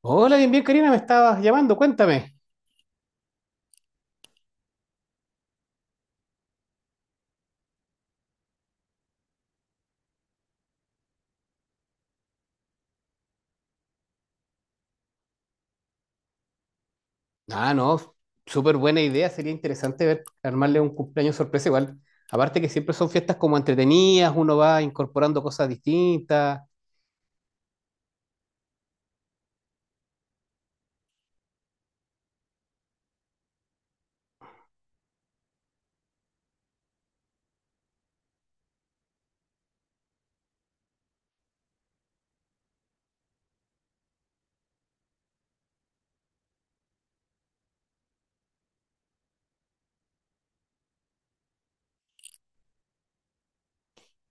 Hola, bien, bien, Karina, me estabas llamando, cuéntame. Ah, no, súper buena idea, sería interesante ver, armarle un cumpleaños sorpresa igual. Aparte que siempre son fiestas como entretenidas, uno va incorporando cosas distintas.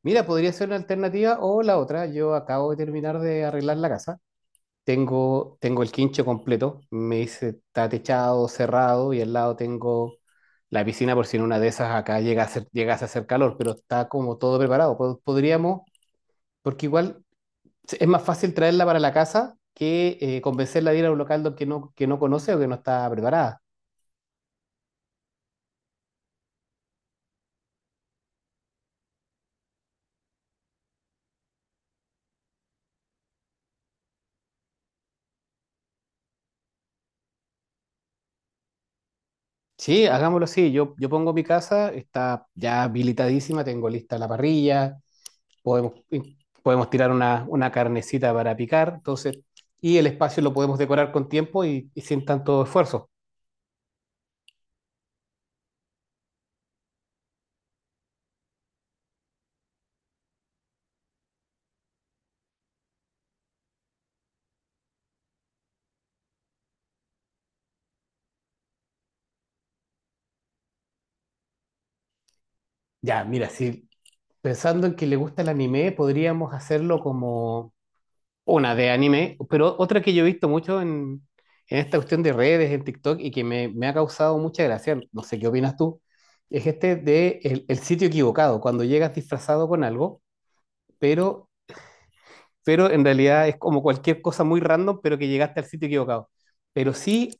Mira, podría ser una alternativa o la otra. Yo acabo de terminar de arreglar la casa. Tengo el quincho completo, me hice, está techado, cerrado y al lado tengo la piscina por si en una de esas acá llegase a hacer calor, pero está como todo preparado. Podríamos... Porque igual sí, es más fácil traerla para la casa que convencerla de ir a un local que no conoce o que no está preparada. Sí, hagámoslo así. Yo pongo mi casa, está ya habilitadísima, tengo lista la parrilla, podemos, podemos tirar una carnecita para picar, entonces, y el espacio lo podemos decorar con tiempo y sin tanto esfuerzo. Ya, mira, si pensando en que le gusta el anime, podríamos hacerlo como una de anime, pero otra que yo he visto mucho en esta cuestión de redes, en TikTok, y que me ha causado mucha gracia, no sé qué opinas tú, es este de el sitio equivocado, cuando llegas disfrazado con algo, pero, pero en realidad es como cualquier cosa muy random, pero que llegaste al sitio equivocado. Pero sí,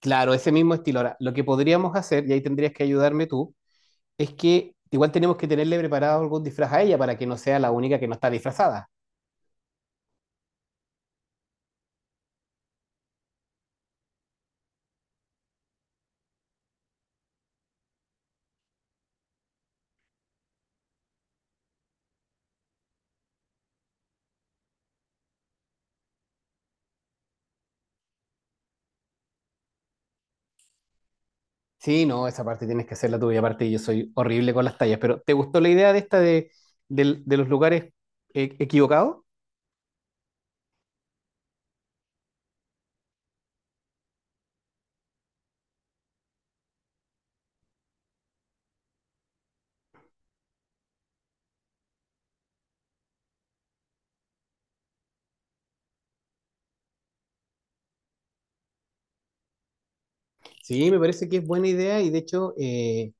claro, ese mismo estilo. Ahora, lo que podríamos hacer, y ahí tendrías que ayudarme tú, es que igual tenemos que tenerle preparado algún disfraz a ella para que no sea la única que no está disfrazada. Sí, no, esa parte tienes que hacerla tú y aparte yo soy horrible con las tallas, pero ¿te gustó la idea de esta de, de los lugares equivocados? Sí, me parece que es buena idea y de hecho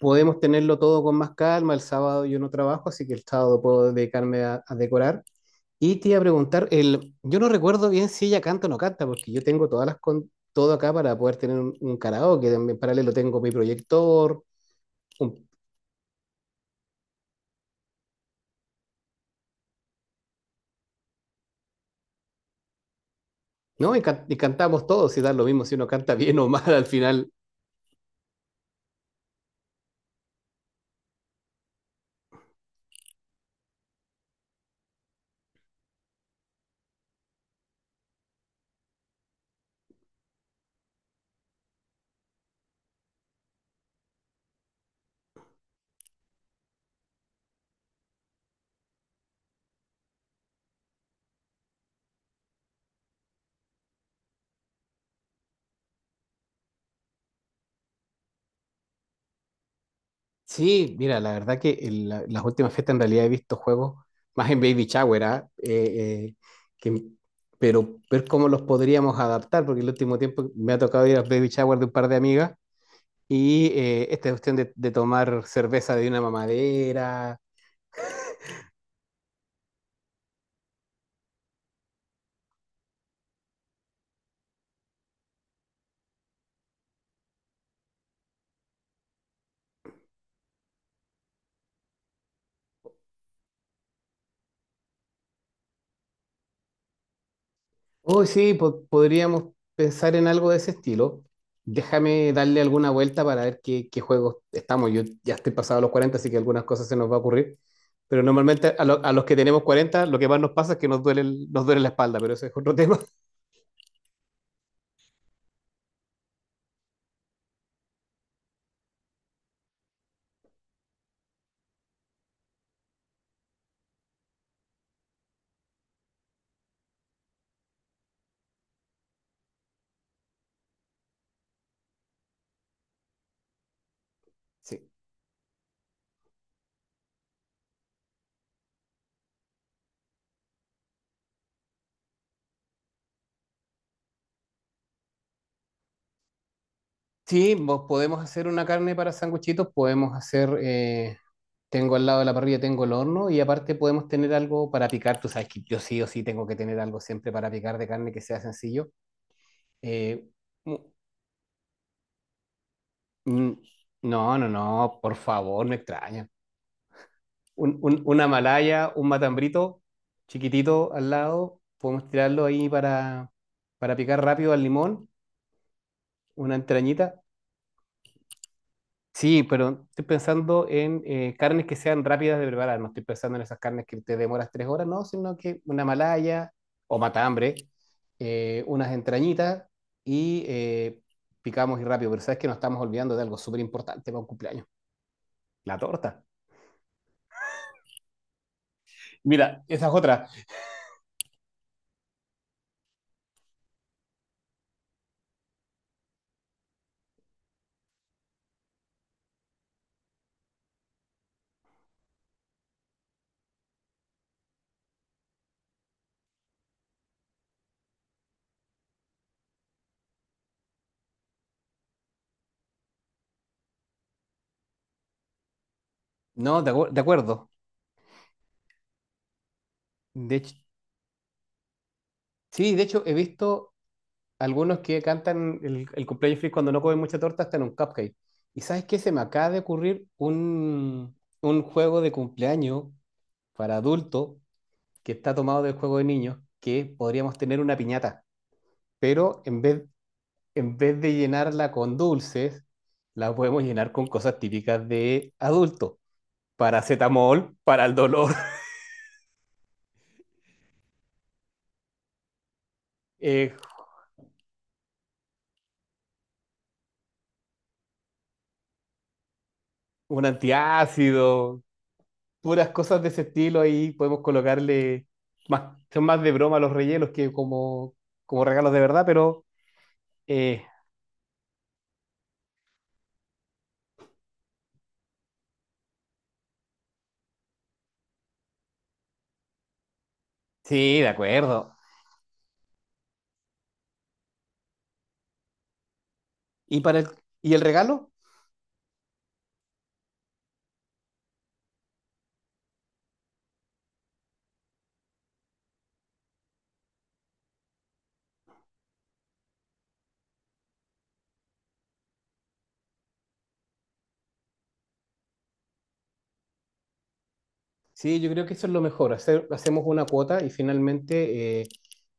podemos tenerlo todo con más calma. El sábado yo no trabajo, así que el sábado puedo dedicarme a decorar. Y te iba a preguntar, el, yo no recuerdo bien si ella canta o no canta, porque yo tengo todas las con, todo acá para poder tener un karaoke, en paralelo tengo mi proyector, un- ¿no? Y, y cantamos todos y da lo mismo si uno canta bien o mal al final. Sí, mira, la verdad que en las últimas fiestas en realidad he visto juegos más en Baby Shower, ¿ah? Que- pero ver cómo los podríamos adaptar, porque el último tiempo me ha tocado ir a Baby Shower de un par de amigas y esta cuestión de tomar cerveza de una mamadera. Uy, sí, podríamos pensar en algo de ese estilo. Déjame darle alguna vuelta para ver qué, qué juegos estamos. Yo ya estoy pasado los 40 así que algunas cosas se nos va a ocurrir. Pero normalmente a, a los que tenemos 40 lo que más nos pasa es que nos duele, nos duele la espalda, pero ese es otro tema. Sí, sí, vos podemos hacer una carne para sanguchitos, podemos hacer, tengo al lado de la parrilla, tengo el horno y aparte podemos tener algo para picar. Tú sabes que yo sí o sí tengo que tener algo siempre para picar de carne que sea sencillo. Eh, Mm, No, no, no, por favor, no extraña. Una malaya, un matambrito chiquitito al lado, podemos tirarlo ahí para picar rápido al limón, una entrañita. Sí, pero estoy pensando en carnes que sean rápidas de preparar, no estoy pensando en esas carnes que te demoras tres horas, no, sino que una malaya o matambre, unas entrañitas y picamos y rápido, pero sabes que nos estamos olvidando de algo súper importante para un cumpleaños, la torta. Mira, esa es otra. No, de, de acuerdo. De hecho, sí, de hecho he visto algunos que cantan el cumpleaños feliz cuando no comen mucha torta hasta en un cupcake. ¿Y sabes qué? Se me acaba de ocurrir un juego de cumpleaños para adultos que está tomado del juego de niños, que podríamos tener una piñata, pero en vez de llenarla con dulces, la podemos llenar con cosas típicas de adulto. Paracetamol para el dolor, eh, un antiácido, puras cosas de ese estilo ahí podemos colocarle más, son más de broma los rellenos que como, como regalos de verdad, pero eh, sí, de acuerdo. ¿Y para el, y el regalo? Sí, yo creo que eso es lo mejor, hacer, hacemos una cuota y finalmente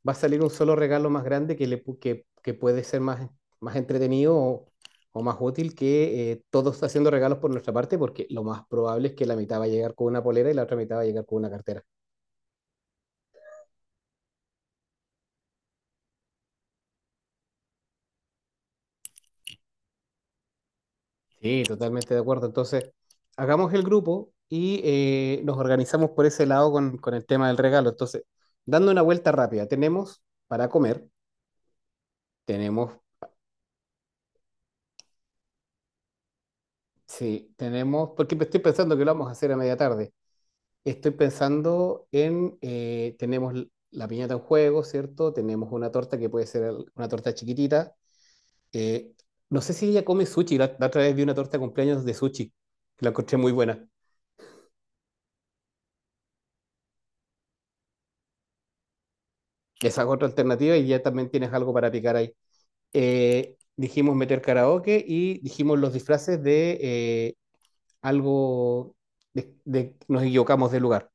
va a salir un solo regalo más grande que, le, que puede ser más, más entretenido o más útil que todos haciendo regalos por nuestra parte, porque lo más probable es que la mitad va a llegar con una polera y la otra mitad va a llegar con una cartera. Sí, totalmente de acuerdo. Entonces, hagamos el grupo y nos organizamos por ese lado con el tema del regalo. Entonces, dando una vuelta rápida, tenemos para comer, tenemos, sí, tenemos, porque estoy pensando que lo vamos a hacer a media tarde. Estoy pensando en, tenemos la piñata en juego, ¿cierto? Tenemos una torta que puede ser una torta chiquitita. Eh, no sé si ella come sushi, la otra vez vi una torta de cumpleaños de sushi, que la encontré muy buena. Esa es otra alternativa y ya también tienes algo para picar ahí. Eh, dijimos meter karaoke y dijimos los disfraces de algo de, nos equivocamos de lugar,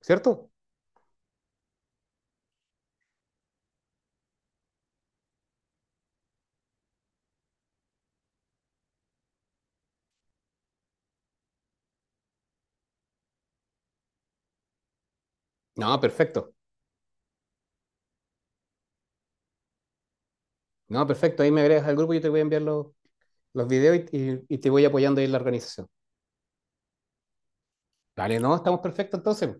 ¿cierto? No, perfecto. No, perfecto. Ahí me agregas al grupo, yo te voy a enviar los videos y, y te voy apoyando ahí en la organización. Vale, no, estamos perfectos entonces.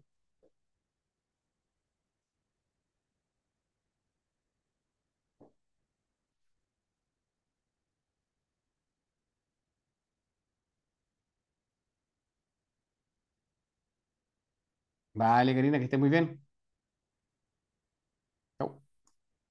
Vale, Karina, que estés muy bien. Chau.